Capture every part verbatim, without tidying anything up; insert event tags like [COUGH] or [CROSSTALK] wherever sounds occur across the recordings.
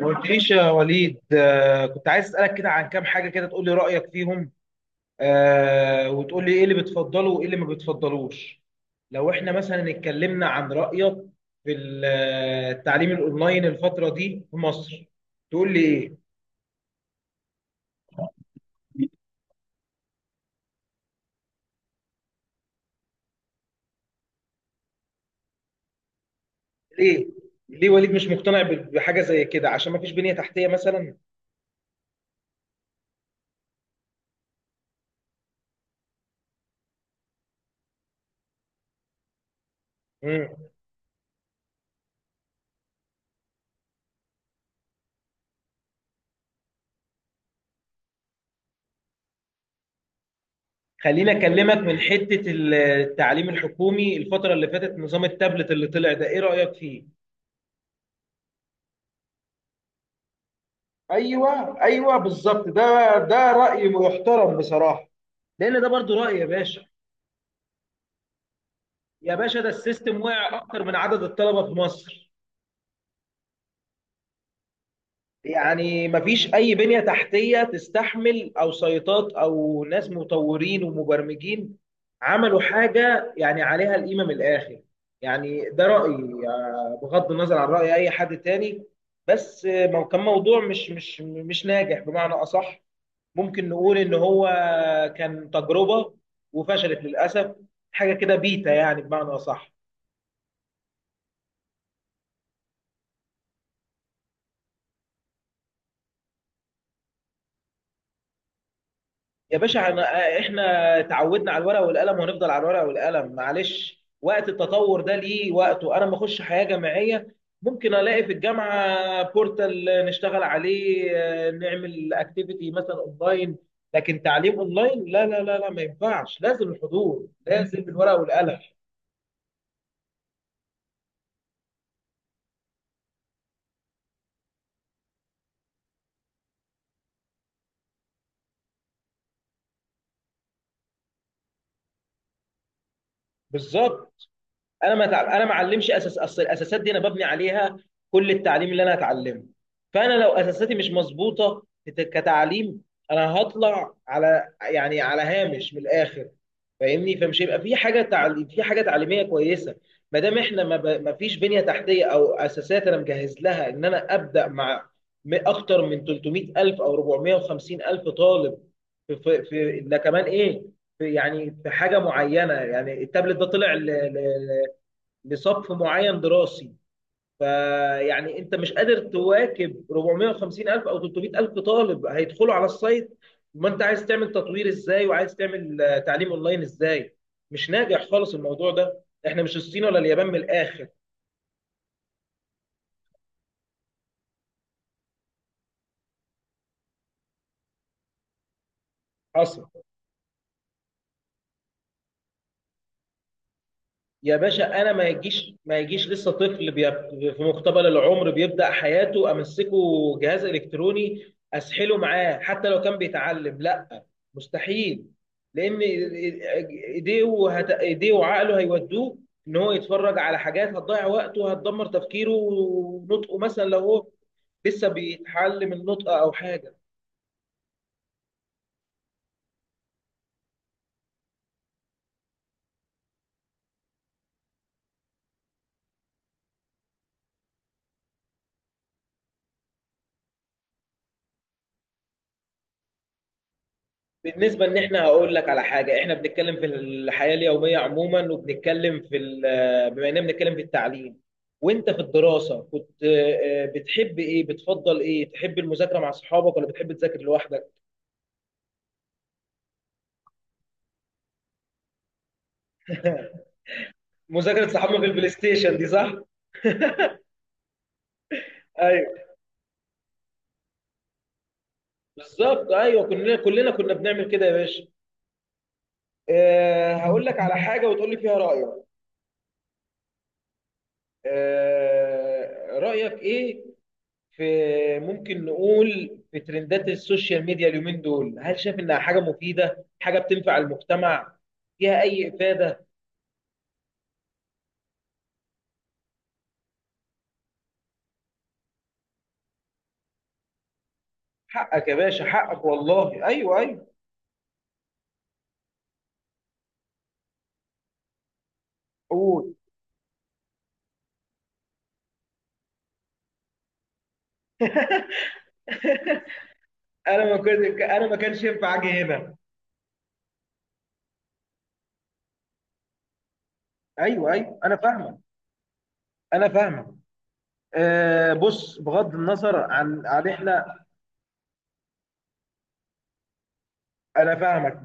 ما قلتليش يا وليد. آه، كنت عايز اسالك كده عن كام حاجه كده تقول لي رايك فيهم، آه، وتقول لي ايه اللي بتفضله وايه اللي ما بتفضلوش. لو احنا مثلا اتكلمنا عن رايك في ال- آه، التعليم الاونلاين الفتره دي في مصر، تقول لي ايه؟ ليه؟ ليه وليد مش مقتنع ب- بحاجه زي كده؟ عشان ما فيش بنيه تحتيه مثلا؟ مم. خليني اكلمك من حته التعليم الحكومي، الفتره اللي فاتت نظام التابلت اللي طلع ده ايه رايك فيه؟ ايوه ايوه بالظبط، ده ده راي محترم بصراحه، لان ده برضو راي يا باشا. يا باشا ده السيستم وقع اكتر من عدد الطلبه في مصر، يعني مفيش اي بنيه تحتيه تستحمل او سيطات او ناس مطورين ومبرمجين عملوا حاجه يعني عليها القيمه من الاخر. يعني ده رايي، آه، بغض النظر عن راي اي حد تاني. بس آه، مو- كان موضوع مش مش مش ناجح بمعنى اصح. ممكن نقول ان هو كان تجربه وفشلت للاسف، حاجه كده بيتا يعني بمعنى اصح. يا باشا أنا- احنا تعودنا على الورق والقلم وهنفضل على الورق والقلم، معلش وقت التطور ده ليه وقته. انا ما اخش حياه جامعيه ممكن الاقي في الجامعه بورتال نشتغل عليه، آه، نعمل اكتيفيتي مثلا اونلاين، لكن تعليم اونلاين لا لا لا لا، ما ينفعش، لازم الحضور، لازم الورق والقلم. بالظبط، انا ما تع... انا ما اعلمش اساس، اصل الاساسات دي انا ببني عليها كل التعليم اللي انا هتعلمه. فانا لو اساساتي مش مظبوطه كت- كتعليم، انا هطلع على يعني على هامش من الاخر. فاهمني؟ فمش هيبقى في حاجه تعليم، في حاجه تعليميه كويسه ما دام احنا ما, ب... ما فيش بنيه تحتيه او اساسات انا مجهز لها ان انا ابدا مع م- اكتر من تلت ميه الف او أربعمائة وخمسين الف طالب. في في, في... ده كمان ايه، في يعني في حاجه معينه، يعني التابلت ده طلع ل... ل... لصف معين دراسي، فيعني انت مش قادر تواكب أربعمائة وخمسين الف او ثلاثمائة الف طالب هيدخلوا على السايت. ما انت عايز تعمل تطوير ازاي وعايز تعمل آه، تعليم اونلاين ازاي؟ مش ناجح خالص الموضوع ده، احنا مش الصين ولا اليابان من الاخر. حصل. يا باشا انا ما يجيش ما يجيش لسه طفل بي- في مقتبل العمر بيبدا حياته امسكه جهاز الكتروني اسحله معاه، حتى لو كان بيتعلم، لا، مستحيل، لان ايديه وهت... ايديه وعقله هيودوه ان هو يتفرج على حاجات هتضيع وقته وهتدمر تفكيره ونطقه، مثلا لو هو لسه بيتعلم النطق او حاجه. بالنسبة ان احنا، هقول لك على حاجة، احنا بنتكلم في الحياة اليومية عموما، وبنتكلم في ال- بما اننا بنتكلم في التعليم، وانت في الدراسة كنت آه، بتحب ايه، بتفضل ايه، تحب المذاكرة مع صحابك ولا بتحب تذاكر لوحدك؟ مذاكرة صحابنا في البلاي ستيشن دي، صح؟ ايوه بالظبط، ايوه كلنا كلنا كنا بنعمل كده يا باشا. آه، هقول لك على حاجة وتقول لي فيها رأيك. آه، رأيك ايه في، ممكن نقول، في ترندات السوشيال ميديا اليومين دول؟ هل شايف انها حاجه مفيده، حاجه بتنفع المجتمع، فيها اي افاده؟ حقك يا باشا، حقك والله، ايوه ايوه. قول. [LAUGHS] انا ما كنت، انا ما كانش ينفع اجي هنا. ايوه ايوه، انا فاهمك، انا فاهمك. أه بص، بغض النظر عن عن احنا، انا فاهمك.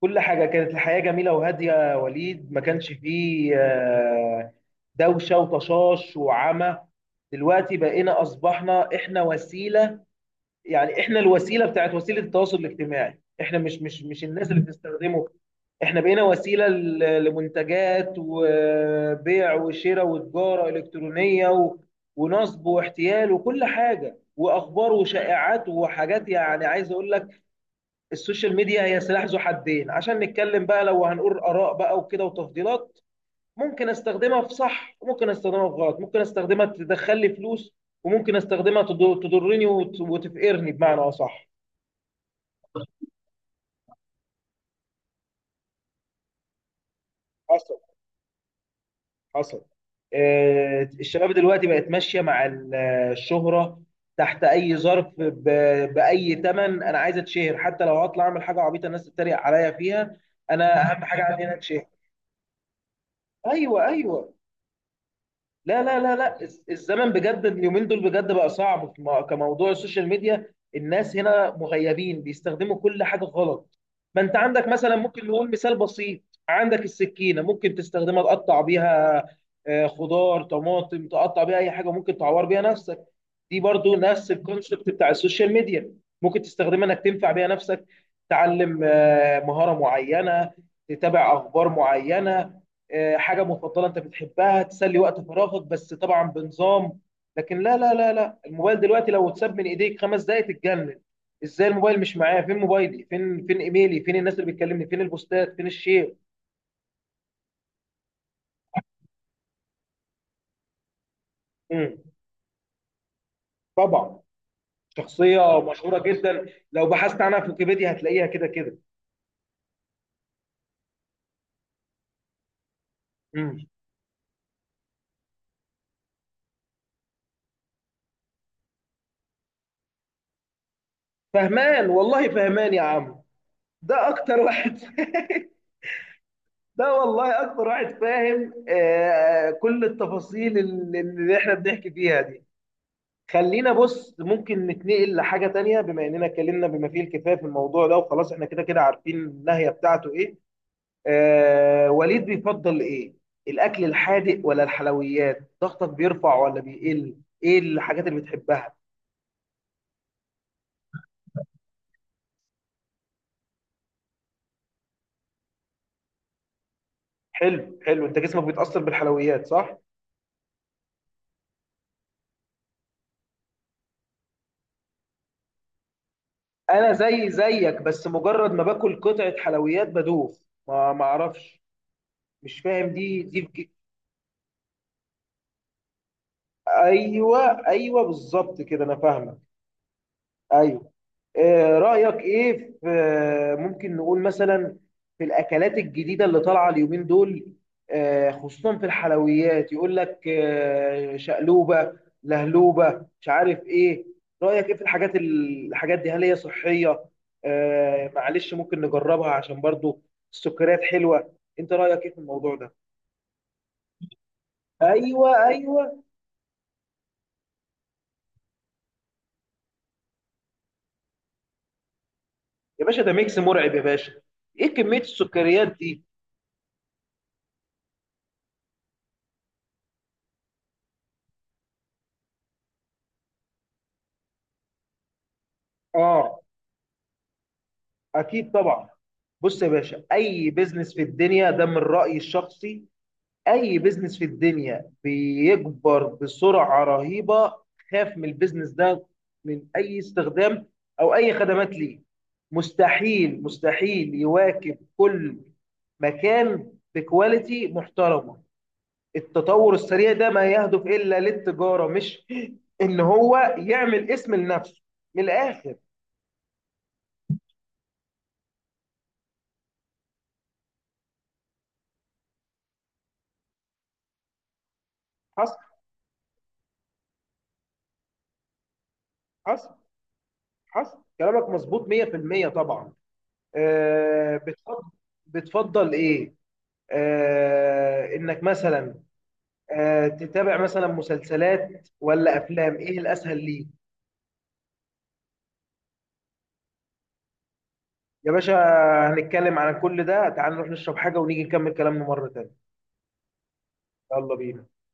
كل حاجة، كانت الحياة جميلة وهادية يا وليد، ما كانش فيه آه، دوشة وطشاش وعمى. دلوقتي بقينا، أصبحنا إحنا وسيلة، يعني إحنا الوسيلة بتاعت وسيلة التواصل الاجتماعي، إحنا مش مش مش الناس اللي بتستخدمه، إحنا بقينا وسيلة ل- لمنتجات وبيع وشراء وتجارة إلكترونية و- ونصب واحتيال وكل حاجة وأخبار وشائعات وحاجات، يعني عايز أقول لك السوشيال ميديا هي سلاح ذو حدين. عشان نتكلم بقى، لو هنقول آراء بقى وكده وتفضيلات، ممكن استخدمها في صح وممكن استخدمها في غلط، ممكن استخدمها تدخل لي فلوس، وممكن استخدمها تض- تضرني وت- وتفقرني بمعنى اصح. حصل. حصل. آه، الشباب دلوقتي بقت ماشية مع ال- الشهرة، تحت أي ظرف، ب- بأي تمن، أنا عايز أتشهر حتى لو هطلع أعمل حاجة عبيطة الناس تتريق عليا فيها. أنا أهم حاجة عندي إن أنا أتشهر. أيوه أيوه. لا لا لا لا، الز- الزمن بجد اليومين دول بجد بقى صعب في م- كموضوع السوشيال ميديا، الناس هنا مغيبين بيستخدموا كل حاجة غلط. ما انت عندك مثلا، ممكن نقول مثال بسيط، عندك السكينة ممكن تستخدمها تقطع بيها آه، خضار طماطم، تقطع بيها اي حاجة، ممكن تعور بيها نفسك. دي برضو نفس الكونسبت بتاع السوشيال ميديا، ممكن تستخدمها انك تنفع بيها نفسك، تعلم آه، مهارة معينة، تتابع اخبار معينة، آه، حاجة مفضلة انت بتحبها تسلي وقت فراغك، بس طبعا بنظام. لكن لا لا لا لا، الموبايل دلوقتي لو اتساب من ايديك خمس دقايق تتجنن. ازاي الموبايل مش معايا، فين موبايلي، فين، فين ايميلي، فين الناس اللي بتكلمني، فين البوستات، فين الشير. مم. طبعا، شخصية مشهورة جدا، لو بحثت عنها في ويكيبيديا هتلاقيها كده كده. مم. فهمان والله، فهمان يا عم، ده اكتر واحد. [LAUGHS] ده والله اكتر واحد فاهم آه، كل التفاصيل اللي اللي احنا بنحكي فيها دي. خلينا بص، ممكن نتنقل لحاجة تانية بما اننا اتكلمنا بما فيه الكفاية في الموضوع ده، وخلاص احنا كده كده عارفين النهاية بتاعته ايه. آه وليد، بيفضل ايه، الاكل الحادق ولا الحلويات؟ ضغطك بيرفع ولا بيقل؟ ايه الحاجات اللي بتحبها؟ حلو حلو، انت جسمك بيتأثر بالحلويات، صح؟ انا زي زيك، بس مجرد ما باكل قطعه حلويات بدوخ، ما ما اعرفش مش فاهم. دي دي بج- ايوه ايوه بالظبط كده، انا فاهمك. ايوه. آه، رأيك ايه في آه، ممكن نقول مثلا في الاكلات الجديدة اللي طالعة اليومين دول، آه، خصوصا في الحلويات، يقول لك آه، شقلوبة، لهلوبة، مش عارف ايه. رأيك ايه في الحاجات الحاجات دي؟ هل هي صحية؟ آه، معلش، ممكن نجربها عشان برضو السكريات حلوة. انت رأيك ايه في الموضوع ده؟ ايوه ايوه، يا باشا ده ميكس مرعب يا باشا، ايه كمية السكريات دي. اه. اكيد طبعا. بص يا باشا، اي بيزنس في الدنيا، ده من رايي الشخصي، اي بيزنس في الدنيا بيكبر بسرعه رهيبه، خاف من البيزنس ده، من اي استخدام او اي خدمات، ليه؟ مستحيل، مستحيل يواكب كل مكان بكواليتي محترمه. التطور السريع ده ما يهدف الا للتجاره، مش ان هو يعمل اسم لنفسه، من الاخر. حصل. حصل. حصل، كلامك مظبوط ميه في الميه طبعا. آه، بتفضل، بتفضل ايه؟ آه، انك مثلا آه، تتابع مثلا مسلسلات ولا افلام، ايه الاسهل ليك؟ يا باشا هنتكلم عن كل ده، تعال نروح نشرب حاجة ونيجي نكمل كلامنا مرة تانية. يلا بينا.